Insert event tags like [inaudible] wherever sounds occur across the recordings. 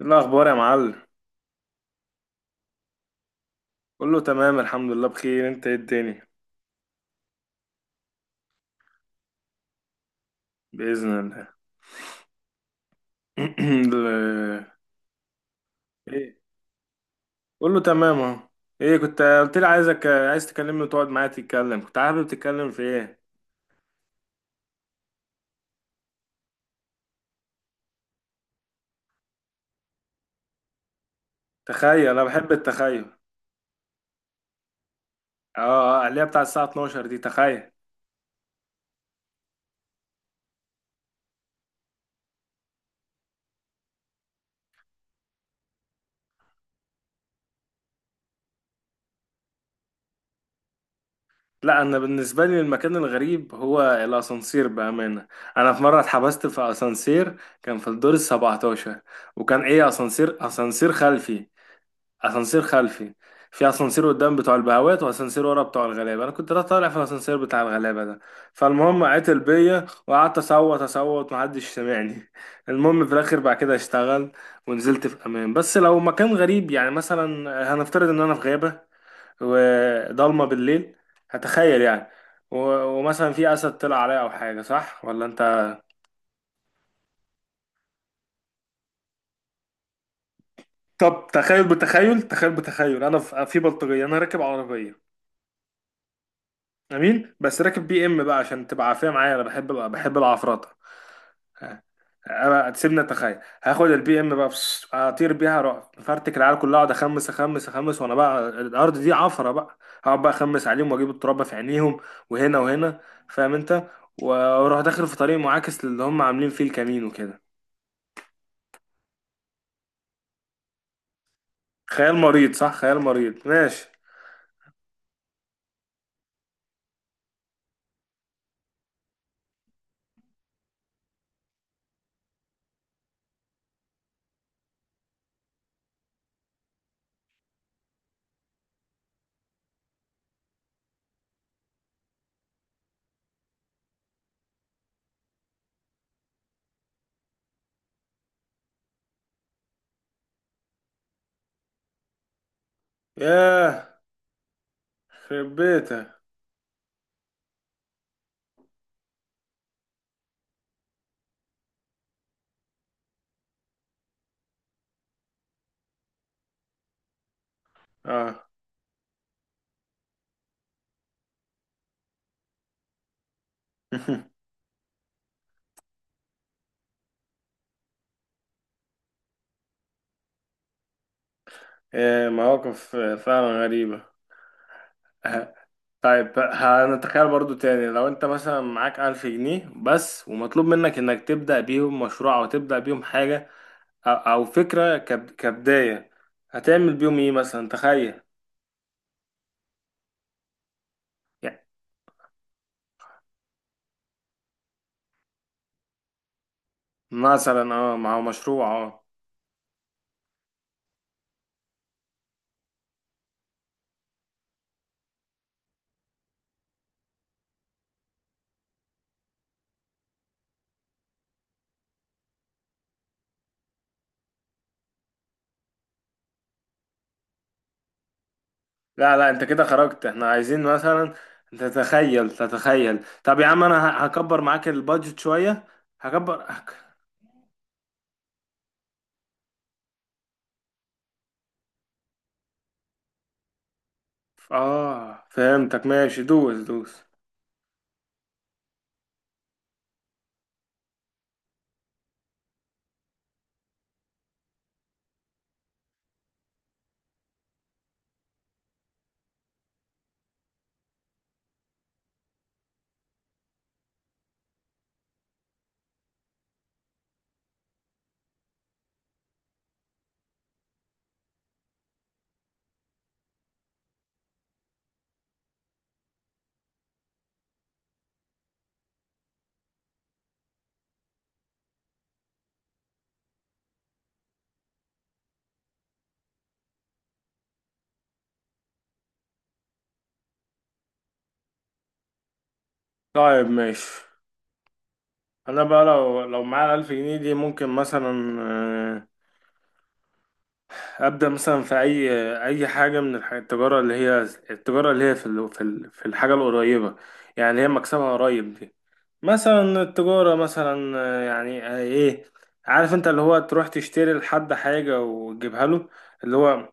إيه الأخبار يا معلم؟ كله تمام، الحمد لله بخير. أنت إيه الدنيا؟ بإذن الله. [clears throat] ال- إيه، كله تمام أهو. إيه، كنت قلت لي عايز تكلمني وتقعد معايا تتكلم، كنت حابب تتكلم في إيه؟ تخيل، أنا بحب التخيل. آه، آه، اللي هي بتاع الساعة 12 دي، تخيل. لا، أنا بالنسبة لي المكان الغريب هو الأسانسير بأمانة. أنا في مرة اتحبست في أسانسير، كان في الدور السبعتاشر، وكان أسانسير، أسانسير خلفي. اسانسير خلفي. في اسانسير قدام بتوع البهوات، واسانسير ورا بتوع الغلابه. انا كنت طالع في الاسانسير بتاع الغلابه ده، فالمهم عتل بيا، وقعدت اصوت اصوت، محدش سامعني. المهم في الاخر بعد كده اشتغل، ونزلت في امان. بس لو مكان غريب، يعني مثلا هنفترض ان انا في غابه وضلمه بالليل، هتخيل يعني. و- ومثلا في اسد طلع عليا او حاجه، صح ولا انت؟ طب تخيل، بتخيل، انا في بلطجيه، انا راكب عربيه، امين، بس راكب بي ام بقى عشان تبقى عافيه معايا، انا بحب العفرطه. ها، انا تسيبني اتخيل، هاخد البي ام بقى، بس اطير بيها اروح فرتك العيال كلها، اقعد اخمس اخمس اخمس، وانا بقى الارض دي عفره بقى. هقعد بقى اخمس عليهم واجيب التراب في عينيهم، وهنا وهنا، فاهم انت؟ واروح داخل في طريق معاكس للي هم عاملين فيه الكمين وكده. خيال مريض، صح؟ خيال مريض، ماشي. ياه، خرب بيتك. اه. [laughs] إيه، مواقف فعلا غريبه. [laughs] طيب، هنتخيل برضو تاني، لو انت مثلا معاك 1000 جنيه بس، ومطلوب منك انك تبدأ بيهم مشروع او تبدأ بيهم حاجة، أو فكرة كبداية، هتعمل بيهم ايه مثلا؟ تخيل. يعني مثلا اه، مع مشروع، اه. لا لا، انت كده خرجت، احنا عايزين مثلا تتخيل تتخيل. طب يا عم، انا هكبر معاك البادجت شوية. هكبر هك- اه، فهمتك. ماشي، دوس دوس. طيب، ماشي، انا بقى لو معايا 1000 جنيه دي، ممكن مثلا آه، ابدا مثلا في اي حاجه من التجاره اللي هي، التجاره اللي هي في الحاجه القريبه، يعني اللي هي مكسبها قريب دي. مثلا التجاره مثلا آه، يعني آه، ايه. عارف انت اللي هو تروح تشتري لحد حاجه وتجيبها له، اللي هو،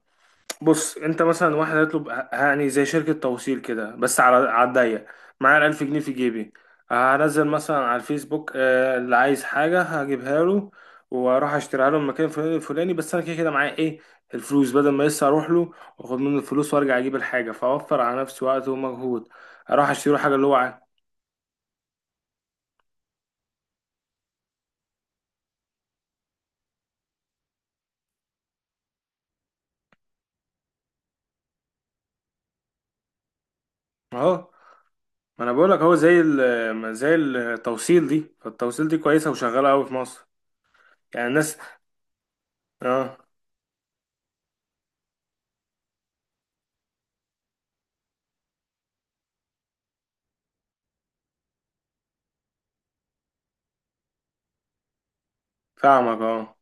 بص انت مثلا واحد هيطلب، يعني زي شركة توصيل كده، بس على الضيق. معايا ال1000 جنيه في جيبي، هنزل مثلا على الفيسبوك آه، اللي عايز حاجة هجيبها له، وأروح أشتريها له من مكان فلاني الفلاني، بس أنا كده كده معايا إيه الفلوس، بدل ما لسه أروح له وأخد منه الفلوس وأرجع أجيب الحاجة، فأوفر على نفسي وقت ومجهود، أروح أشتري له حاجة اللي هو عايزها. أهو، ما أنا بقولك أهو زي زي التوصيل دي، فالتوصيل دي كويسة وشغالة أوي في مصر، يعني الناس. أه، فاهمك. أه،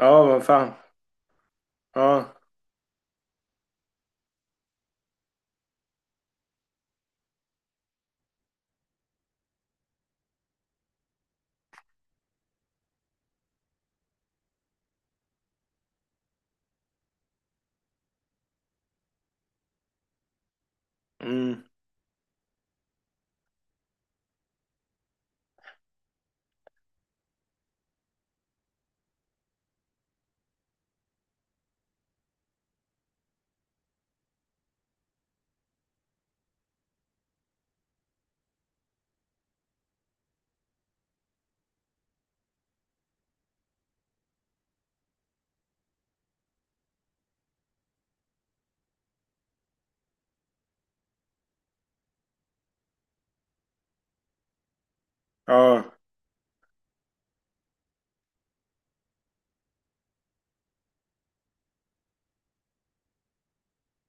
أه، فاهم. اه. امم. اه.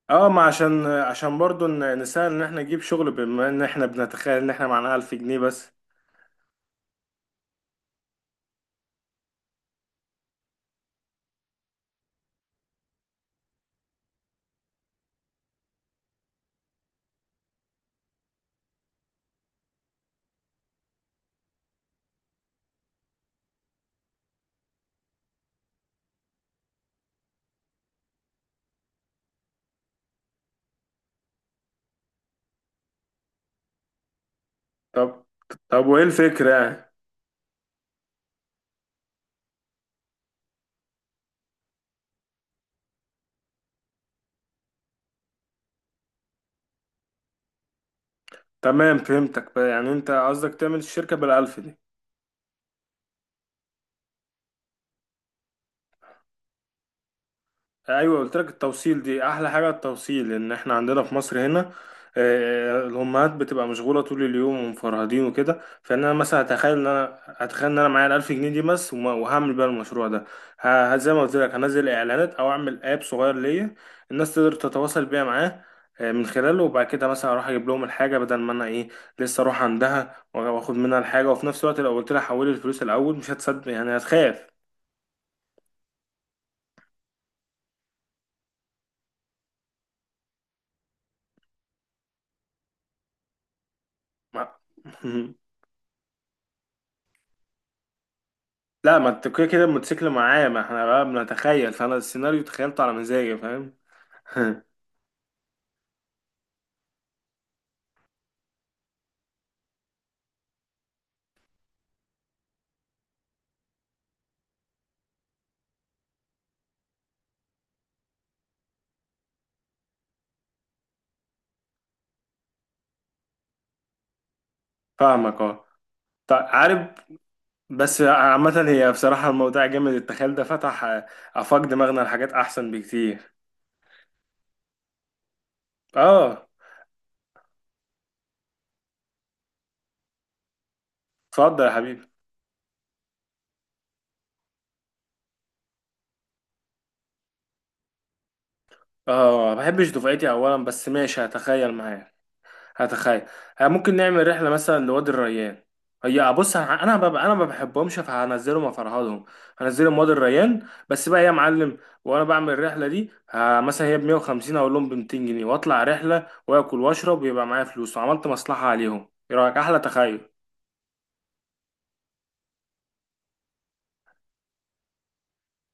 اه، ما عشان برضو نسهل ان احنا نجيب شغل، بما ان احنا بنتخيل ان احنا معانا 1000 جنيه بس. طب طب، وايه الفكرة يعني؟ تمام، فهمتك بقى، يعني انت قصدك تعمل الشركة بالألف دي. ايوه، قلت لك التوصيل دي احلى حاجه. التوصيل، ان احنا عندنا في مصر هنا آه، الامهات بتبقى مشغوله طول اليوم ومفرهدين وكده، فان انا مثلا هتخيل ان انا معايا ال1000 جنيه دي بس، وهعمل بيها المشروع ده. زي ما قلت لك، هنزل اعلانات او اعمل اب صغير ليا، الناس تقدر تتواصل بيها معاه آه، من خلاله، وبعد كده مثلا اروح اجيب لهم الحاجه، بدل ما انا ايه، لسه اروح عندها واخد منها الحاجه، وفي نفس الوقت لو قلت لها حولي الفلوس الاول مش هتصدق، يعني هتخاف. [laughs] لا، ما انت كده كده الموتوسيكل معايا، ما احنا بقى بنتخيل، فانا السيناريو تخيلته على مزاجي، فاهم؟ [laughs] فاهمك اه. طيب، عارف، بس عامة هي بصراحة الموضوع جامد، التخيل ده فتح آه، آفاق دماغنا لحاجات أحسن بكتير. اه. اتفضل يا حبيبي. اه، ما بحبش دفعتي أولا، بس ماشي هتخيل معايا. هتخيل. ها، ممكن نعمل رحلة مثلا لوادي الريان. هي بص، انا ما بحبهمش، فهنزلهم وافرهدهم. هنزلهم وادي الريان بس بقى يا معلم، وانا بعمل الرحلة دي ها، مثلا هي ب 150، اقول لهم ب 200 جنيه، واطلع رحلة واكل واشرب، ويبقى معايا فلوس، وعملت مصلحة عليهم، ايه رأيك؟ احلى تخيل.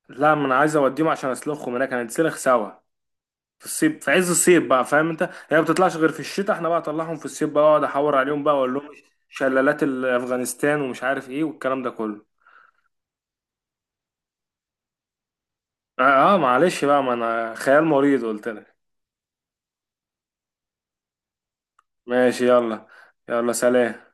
لا، ما انا عايز اوديهم عشان اسلخهم هناك، هنتسلخ سوا. في الصيف، في عز الصيف بقى، فاهم انت؟ هي ما بتطلعش غير في الشتاء، احنا بقى اطلعهم في الصيف بقى، اقعد احور عليهم بقى واقول لهم شلالات افغانستان ومش عارف ايه والكلام ده كله. اه آه، معلش بقى، ما انا خيال مريض قلت لك. ماشي، يلا. يلا سلام.